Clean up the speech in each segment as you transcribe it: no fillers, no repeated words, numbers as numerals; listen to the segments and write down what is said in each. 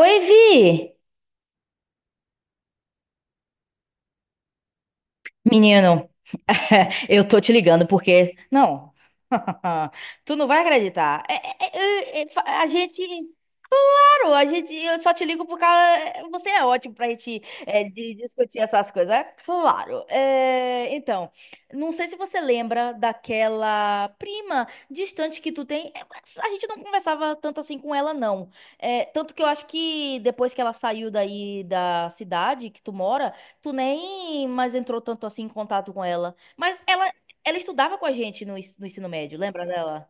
Oi, Vi! Menino, eu tô te ligando porque. Não, tu não vai acreditar. A gente. Claro, a gente. Eu só te ligo por causa. Você é ótimo pra gente discutir essas coisas. É, claro. É, então, não sei se você lembra daquela prima distante que tu tem. É, a gente não conversava tanto assim com ela, não. É, tanto que eu acho que depois que ela saiu daí da cidade que tu mora. Tu nem mais entrou tanto assim em contato com ela. Mas ela estudava com a gente no ensino médio, lembra dela?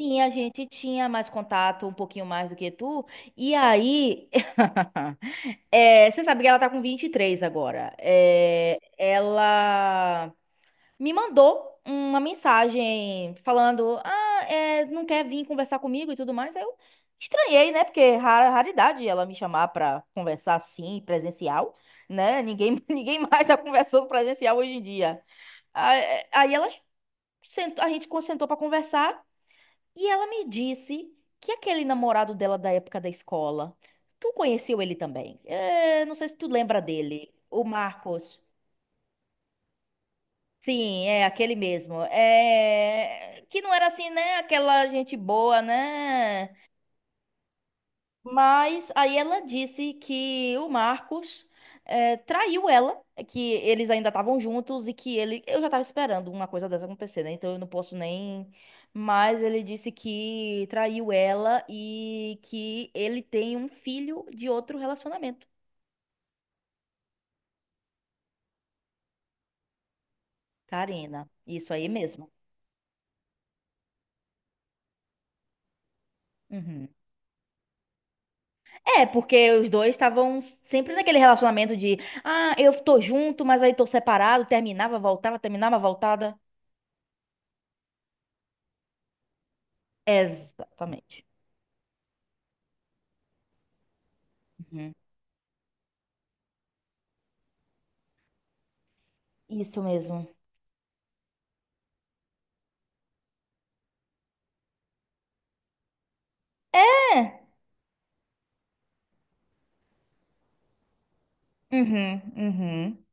Sim, a gente tinha mais contato, um pouquinho mais do que tu. E aí, é, você sabe que ela tá com 23 agora. É, ela me mandou uma mensagem falando: Ah, é, não quer vir conversar comigo e tudo mais. Aí eu estranhei, né? Porque é raridade ela me chamar pra conversar assim, presencial, né? Ninguém, ninguém mais tá conversando presencial hoje em dia. Ah, é, aí ela sentou, sentou pra conversar e ela me disse que aquele namorado dela da época da escola, tu conheceu ele também? É, não sei se tu lembra dele, o Marcos. Sim, é aquele mesmo. É. Que não era assim, né? Aquela gente boa, né? Mas aí ela disse que o Marcos é, traiu ela, que eles ainda estavam juntos e que ele. Eu já tava esperando uma coisa dessa acontecer, né? Então eu não posso nem. Mas ele disse que traiu ela e que ele tem um filho de outro relacionamento. Karina, isso aí mesmo. Uhum. É, porque os dois estavam sempre naquele relacionamento de, ah, eu tô junto, mas aí tô separado, terminava, voltava, terminava, voltada. Exatamente. Uhum. Isso mesmo. É. Uhum, uhum.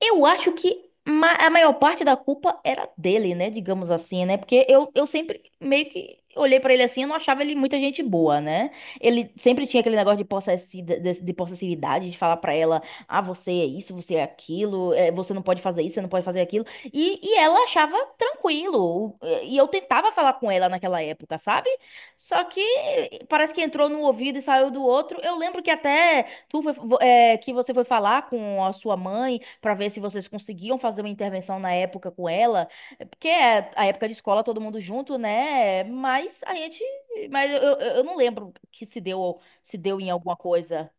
Eu acho que a maior parte da culpa era dele, né? Digamos assim, né? Porque eu sempre meio que olhei pra ele assim, eu não achava ele muita gente boa, né? Ele sempre tinha aquele negócio de de possessividade, de falar pra ela, ah, você é isso, você é aquilo, você não pode fazer isso, você não pode fazer aquilo. E ela achava tranquilo. E eu tentava falar com ela naquela época, sabe? Só que parece que entrou num ouvido e saiu do outro. Eu lembro que até. Tu foi- vo- é, que Você foi falar com a sua mãe para ver se vocês conseguiam fazer uma intervenção na época com ela. É porque é a época de escola todo mundo junto, né? Mas a gente, mas eu não lembro que se deu em alguma coisa.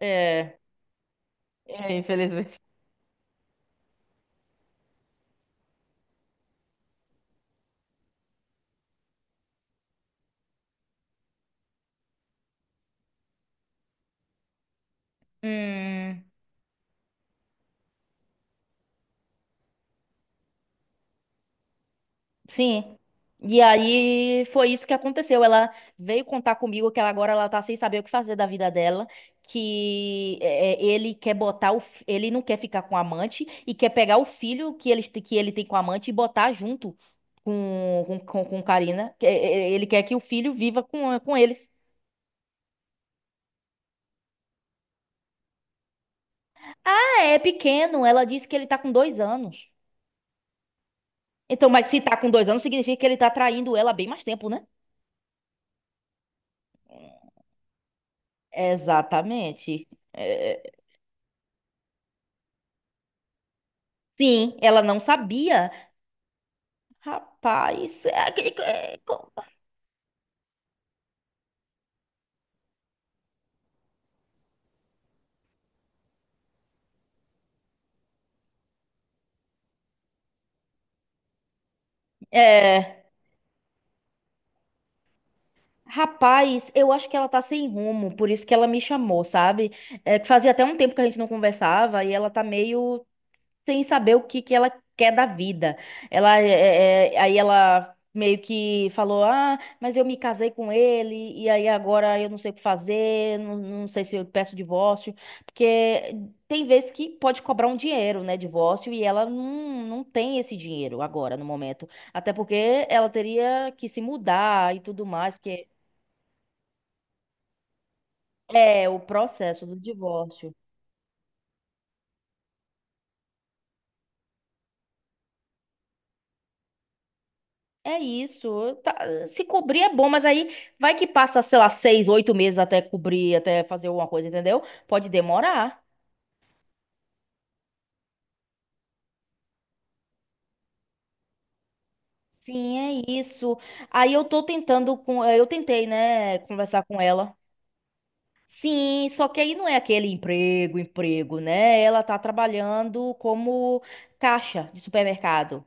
É. É, infelizmente. Hum. Sim. E aí foi isso que aconteceu. Ela veio contar comigo que ela agora ela tá sem saber o que fazer da vida dela, que é, é, ele quer botar ele não quer ficar com a amante e quer pegar o filho que ele tem com a amante e botar junto com Karina. Ele quer que o filho viva com eles. Ah, é pequeno, ela disse que ele tá com 2 anos. Então, mas se tá com 2 anos, significa que ele tá traindo ela há bem mais tempo, né? Exatamente. É, sim, ela não sabia. Rapaz, é aquele. É, Rapaz, eu acho que ela tá sem rumo, por isso que ela me chamou, sabe? É que fazia até um tempo que a gente não conversava e ela tá meio sem saber o que que ela quer da vida. Ela é, é, é, Aí ela meio que falou: "Ah, mas eu me casei com ele e aí agora eu não sei o que fazer, não, não sei se eu peço divórcio, porque tem vezes que pode cobrar um dinheiro, né, divórcio, e ela não tem esse dinheiro agora no momento, até porque ela teria que se mudar e tudo mais, porque é o processo do divórcio. É isso. Se cobrir é bom, mas aí vai que passa, sei lá, 6, 8 meses até cobrir, até fazer alguma coisa, entendeu? Pode demorar. Sim, é isso. Aí eu tô tentando com, é, eu tentei, né, conversar com ela. Sim, só que aí não é aquele emprego, emprego, né? Ela tá trabalhando como caixa de supermercado.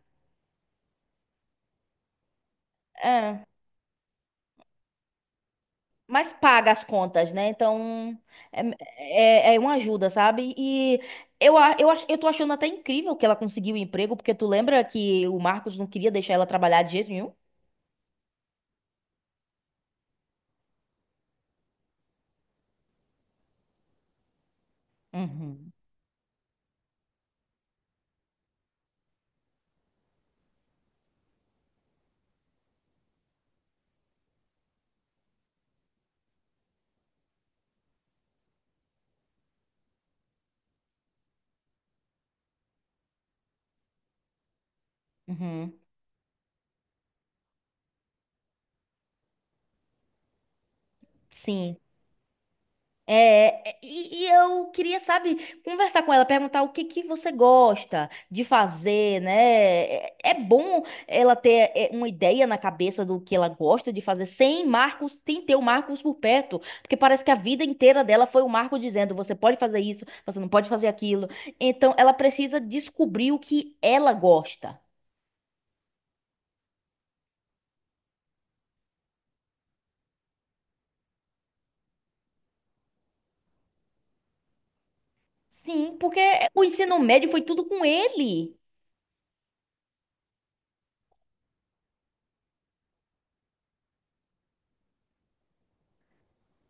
Mas paga as contas, né? Então é, é, é uma ajuda, sabe? E eu tô achando até incrível que ela conseguiu o emprego, porque tu lembra que o Marcos não queria deixar ela trabalhar de jeito nenhum? Uhum, uhum. Sim. E, e eu queria, sabe, conversar com ela, perguntar o que que você gosta de fazer, né? É, é bom ela ter é, uma ideia na cabeça do que ela gosta de fazer, sem Marcos, sem ter o Marcos por perto, porque parece que a vida inteira dela foi o Marco dizendo, você pode fazer isso, você não pode fazer aquilo. Então, ela precisa descobrir o que ela gosta. Sim, porque o ensino médio foi tudo com ele.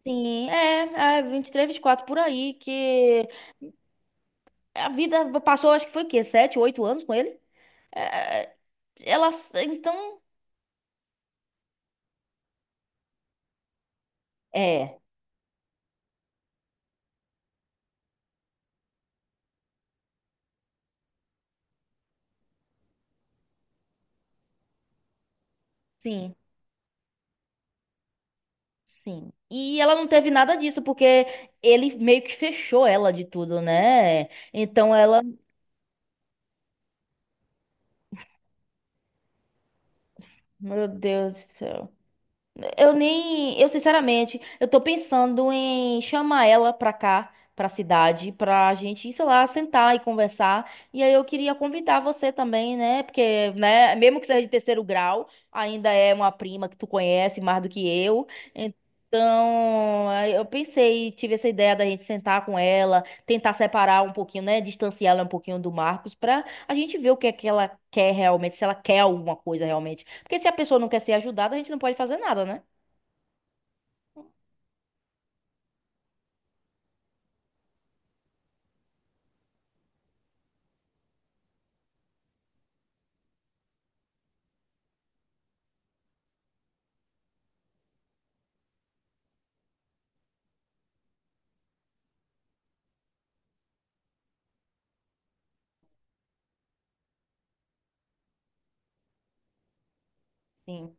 Sim, é, é 23, 24 por aí que a vida passou, acho que foi o quê? 7, 8 anos com ele? É, é, ela, então, é, sim, sim. E ela não teve nada disso, porque ele meio que fechou ela de tudo, né? Então ela, meu Deus. Eu nem, eu sinceramente, eu tô pensando em chamar ela pra cá, pra cidade, pra gente, sei lá, sentar e conversar. E aí eu queria convidar você também, né? Porque, né, mesmo que seja de terceiro grau, ainda é uma prima que tu conhece mais do que eu. Então, aí eu pensei, tive essa ideia da gente sentar com ela, tentar separar um pouquinho, né, distanciar ela um pouquinho do Marcos pra a gente ver o que é que ela quer realmente, se ela quer alguma coisa realmente. Porque se a pessoa não quer ser ajudada, a gente não pode fazer nada, né? Sim.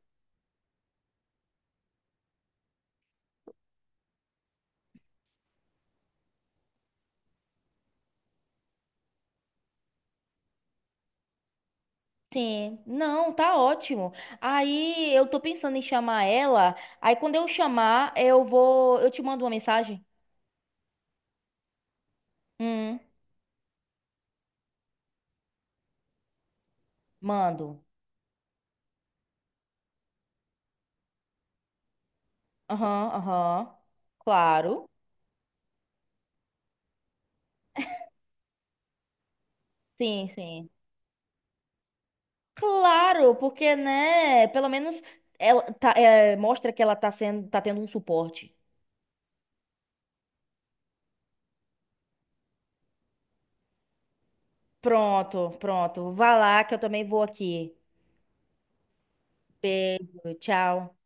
Sim. Não, tá ótimo. Aí eu tô pensando em chamar ela. Aí quando eu chamar, eu vou. Eu te mando uma mensagem? Hum, mando. Aham, aham. Claro. Sim, sim. Claro, porque, né? Pelo menos ela tá, é, mostra que ela tá sendo, tá tendo um suporte. Pronto, pronto. Vá lá que eu também vou aqui. Beijo, tchau.